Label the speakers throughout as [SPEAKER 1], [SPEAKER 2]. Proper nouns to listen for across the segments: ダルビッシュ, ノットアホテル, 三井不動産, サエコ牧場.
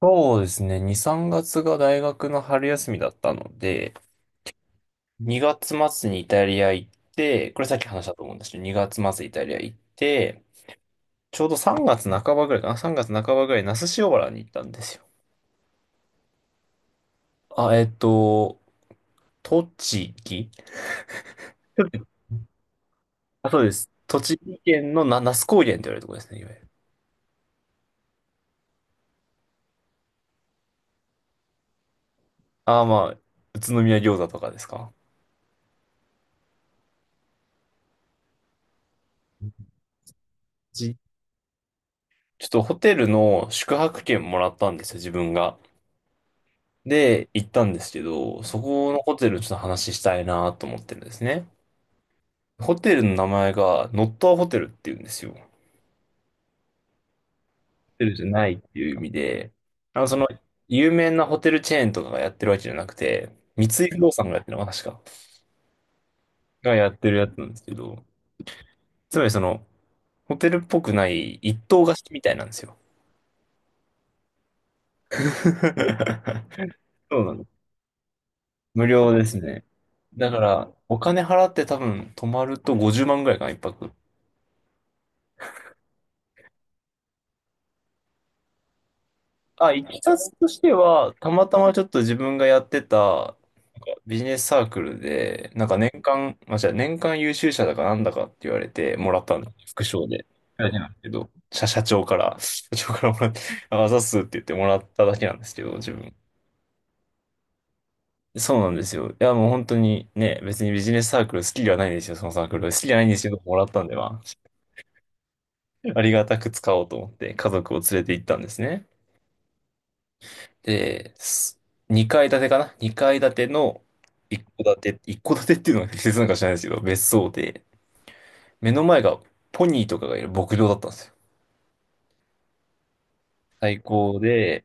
[SPEAKER 1] そうですね。2、3月がつが大学の春休みだったので、2月末にイタリア行って、これさっき話したと思うんですけど、2月末イタリア行って、ちょうど3月半ばぐらいかな？ 3 月半ばぐらい、那須塩原に行ったんですよ。あ、栃木。あ、そうです。栃木県の那須高原って言われるところですね、いわゆる。ああ、まあ、宇都宮餃子とかですか。じちょっとホテルの宿泊券もらったんですよ、自分が。で、行ったんですけど、そこのホテルちょっと話したいなと思ってるんですね。ホテルの名前がノットアホテルっていうんですよ。ホテルじゃないっていう意味で、あの、その、有名なホテルチェーンとかがやってるわけじゃなくて、三井不動産がやってるのかな、確か。がやってるやつなんですけど、つまりその、ホテルっぽくない一棟貸しみたいなんですよ。そうなの。無料ですね。だから、お金払って多分泊まると50万ぐらいかな、一泊。あ、いきさつとしては、たまたまちょっと自分がやってた、なんかビジネスサークルで、なんか年間、まあ、じゃあ年間優秀者だかなんだかって言われてもらったんで、副賞で。だけなんですけど、社長から、もらって、ああざっすって言ってもらっただけなんですけど、自分。そうなんですよ。いや、もう本当にね、別にビジネスサークル好きではないんですよ、そのサークル。好きじゃないんですけど、もらったんで、まあ、ありがたく使おうと思って、家族を連れて行ったんですね。で、二階建てかな、二階建ての一戸建て、一戸建てっていうのは適切なのか知らないですけど、別荘で、目の前がポニーとかがいる牧場だったんですよ。最高で、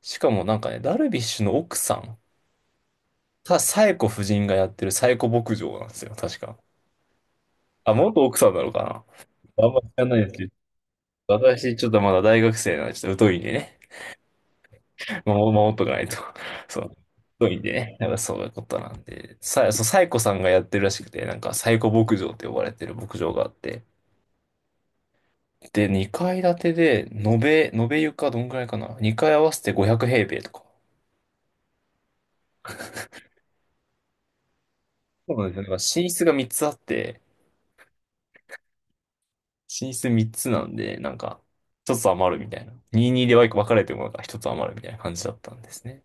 [SPEAKER 1] しかもなんかね、ダルビッシュの奥さん、サエコ夫人がやってるサエコ牧場なんですよ、確か。あ、元奥さんなのかな、あんま知らないですけど、私ちょっとまだ大学生なんで、ちょっと疎いんでね。守っとかないと。そう。太いんでね。なんかそういうことなんで。そう、サイコさんがやってるらしくて、なんかサイコ牧場って呼ばれてる牧場があって。で、2階建てで、延べ床どんぐらいかな？ 2 階合わせて500平米とか。そうなんですよ。なんか寝室が3つあって、寝室3つなんで、なんか、1つ余るみたいな。22で分かれてもなんか1つ余るみたいな感じだったんですね。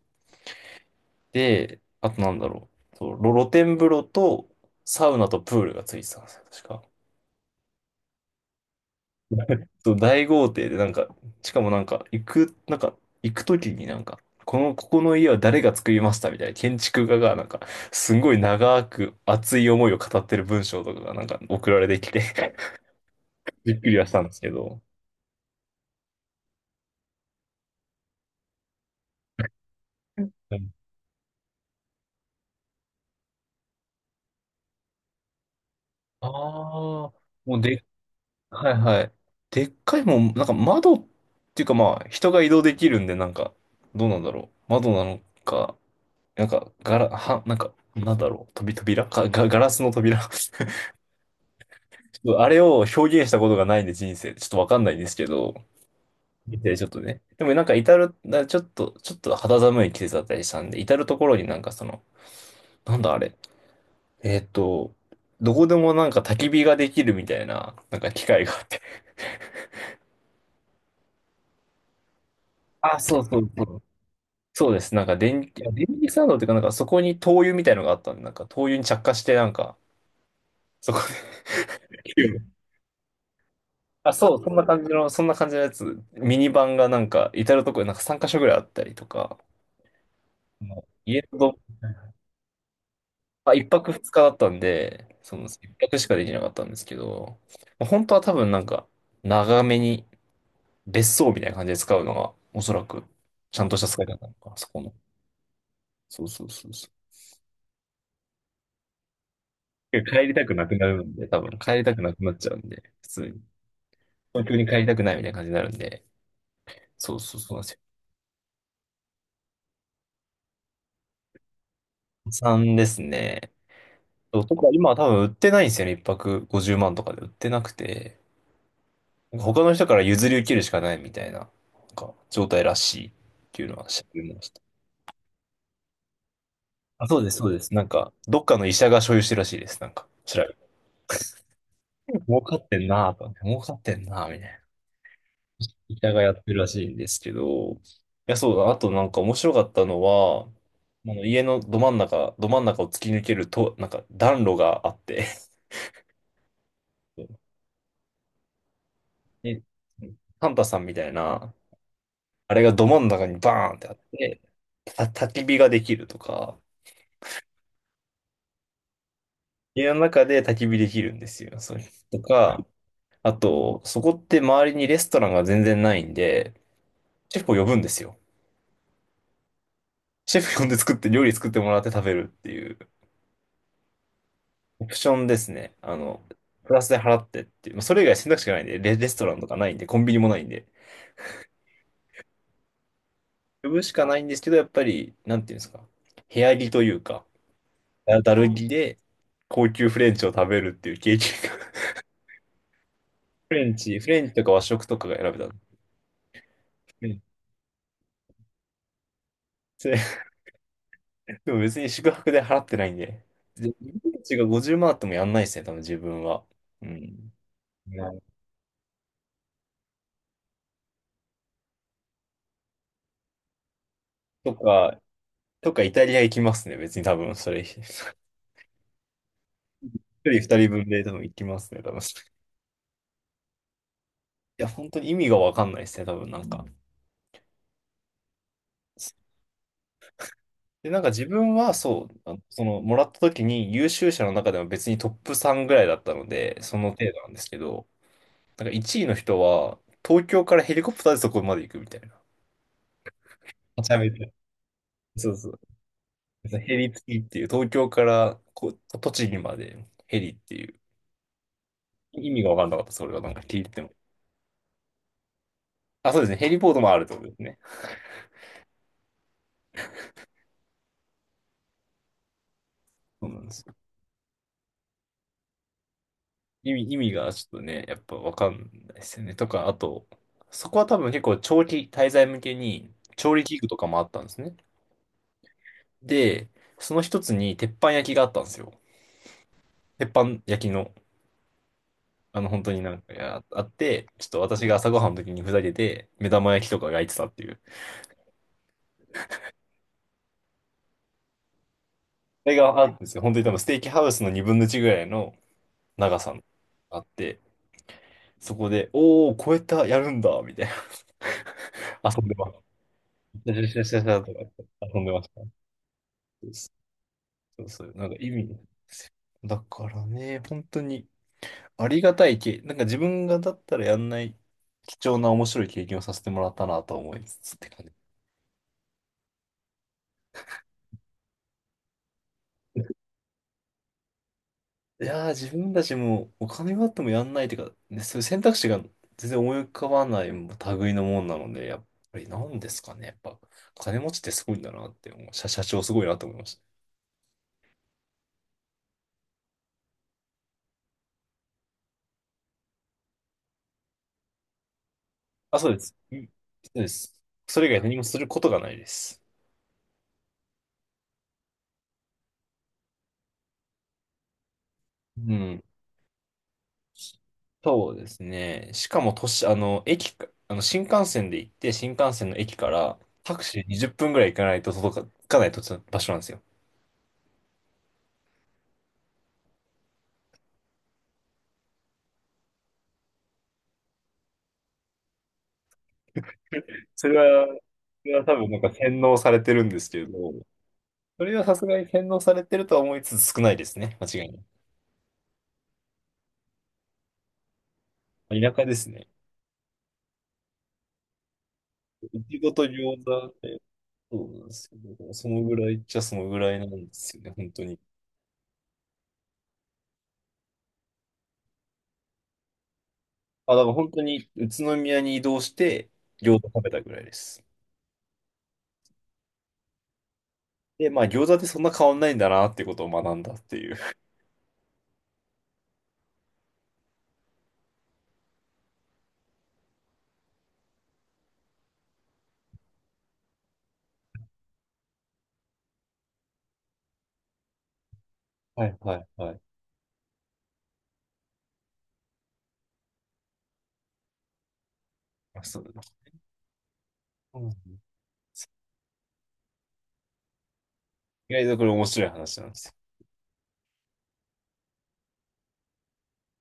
[SPEAKER 1] で、あとなんだろう。そう、露天風呂とサウナとプールがついてたんですよ、確か。そう、大豪邸で、なんか、しかもなんか、行くときになんか、この、ここの家は誰が作りましたみたいな、建築家がなんか、すごい長く熱い思いを語ってる文章とかがなんか送られてきて、 びっくりはしたんですけど。ああー、もうで、はいはい。でっかいもん、なんか窓っていうか、まあ、人が移動できるんで、なんか、どうなんだろう。窓なのか、なんか、なんだろう。飛び扉か、ガラスの扉。 あれを表現したことがないんで人生でちょっとわかんないんですけど、見てちょっとね。でもなんか至る、なちょっと、ちょっと肌寒い季節だったりしたんで、至るところになんかその、なんだあれ、えーっと、どこでもなんか焚き火ができるみたいな、なんか機械があって。あ、そうそうそう。そうです。なんか電気スタンドっていうか、なんかそこに灯油みたいのがあったんで、なんか灯油に着火して、なんか、そこで火をあ、そう、そんな感じのやつ、ミニバンがなんか、至るところになんか3カ所ぐらいあったりとか、家のどまあ、一泊二日だったんで、その、一泊しかできなかったんですけど、まあ本当は多分なんか、長めに別荘みたいな感じで使うのが、おそらく、ちゃんとした使い方なのか、そこの。そうそうそうそう。帰りたくなくなるんで、多分帰りたくなくなっちゃうんで、普通に。東京に帰りたくないみたいな感じになるんで、そうそうそうなんですよ。3ですね。男は今は多分売ってないんですよね。一泊50万とかで売ってなくて、なんか他の人から譲り受けるしかないみたいな、なんか状態らしいっていうのは知ってました。あ、そうです、そうです。なんか、どっかの医者が所有してるらしいです。なんか、調べて。儲かってんなぁと思って、儲かってんなぁみたいな。医者がやってるらしいんですけど、いや、そうだ。あとなんか面白かったのは、あの家のど真ん中、ど真ん中を突き抜けると、なんか暖炉があって、で、サンタさんみたいな、あれがど真ん中にバーンってあって、焚き火ができるとか、家の中で焚き火できるんですよ。それとか、あと、そこって周りにレストランが全然ないんで、シェフを呼ぶんですよ。シェフ呼んで作って、料理作ってもらって食べるっていう、オプションですね。あの、プラスで払ってっていう、まあ、それ以外選択肢がないんで、レストランとかないんで、コンビニもないんで、呼ぶしかないんですけど、やっぱり、なんていうんですか、部屋着というか、だる着で、高級フレンチを食べるっていう経験が。フレンチとか和食とかが選べた。うん、それでも別に宿泊で払ってないんで。で、うちが50万あってもやんないですね、多分自分は。うん。ね、とか、とかイタリア行きますね、別に多分それ。一人二人分で多分行きますね、多分。いや、本当に意味がわかんないですね、多分なんか。で、なんか自分はそう、あのその、もらった時に優秀者の中でも別にトップ3ぐらいだったので、その程度なんですけど、なんか1位の人は、東京からヘリコプターでそこまで行くみたいな。めちゃめちゃ。そうそう。ヘリ付きっていう、東京からこう栃木までヘリっていう、意味が分かんなかった、それがなんか聞いても。あ、そうですね、ヘリポートもあるってことですね。そうなんですよ。意味がちょっとね、やっぱ分かんないですよね。とか、あと、そこは多分結構長期滞在向けに調理器具とかもあったんですね。で、その一つに鉄板焼きがあったんですよ。鉄板焼きの、あの本当になんかやあって、ちょっと私が朝ごはんの時にふざけて目玉焼きとか焼いてたっていう。れがあかるんですよ。本当に多分ステーキハウスの2分の1ぐらいの長さがあって、そこで、おー、超えた、やるんだ、みたいな。遊んでます。シャシャシャシャシャとかやって遊んでました。そうそう、なんか意味。だからね、本当にありがたい経なんか自分がだったらやんない貴重な面白い経験をさせてもらったなと思いつつって感じ。いやー、自分たちもお金があってもやんないっていうか、ね、そういう選択肢が全然思い浮かばない類のもんなので、やっぱりなんですかね。やっぱ、金持ちってすごいんだなって思う。社長すごいなと思いました。あ、そうです。うん、そうです。それ以外何もすることがないです。うん。そうですね。しかも、都市、あの、駅か、あの、新幹線で行って、新幹線の駅からタクシーで20分ぐらい行かないと届か、行かないと場所なんですよ。それは多分なんか洗脳されてるんですけど、それはさすがに洗脳されてるとは思いつつ少ないですね。間違いない。田舎ですね。いちごと餃子ってそうなんですけど、そのぐらいっちゃそのぐらいなんですよね、本当に。あ、だから本当に宇都宮に移動して餃子食べたぐらいです。で、まあ餃子ってそんな変わんないんだなってことを学んだっていう。はいはいはい。あ、そうだな。うん、意外とこれ面白い話なんですよ。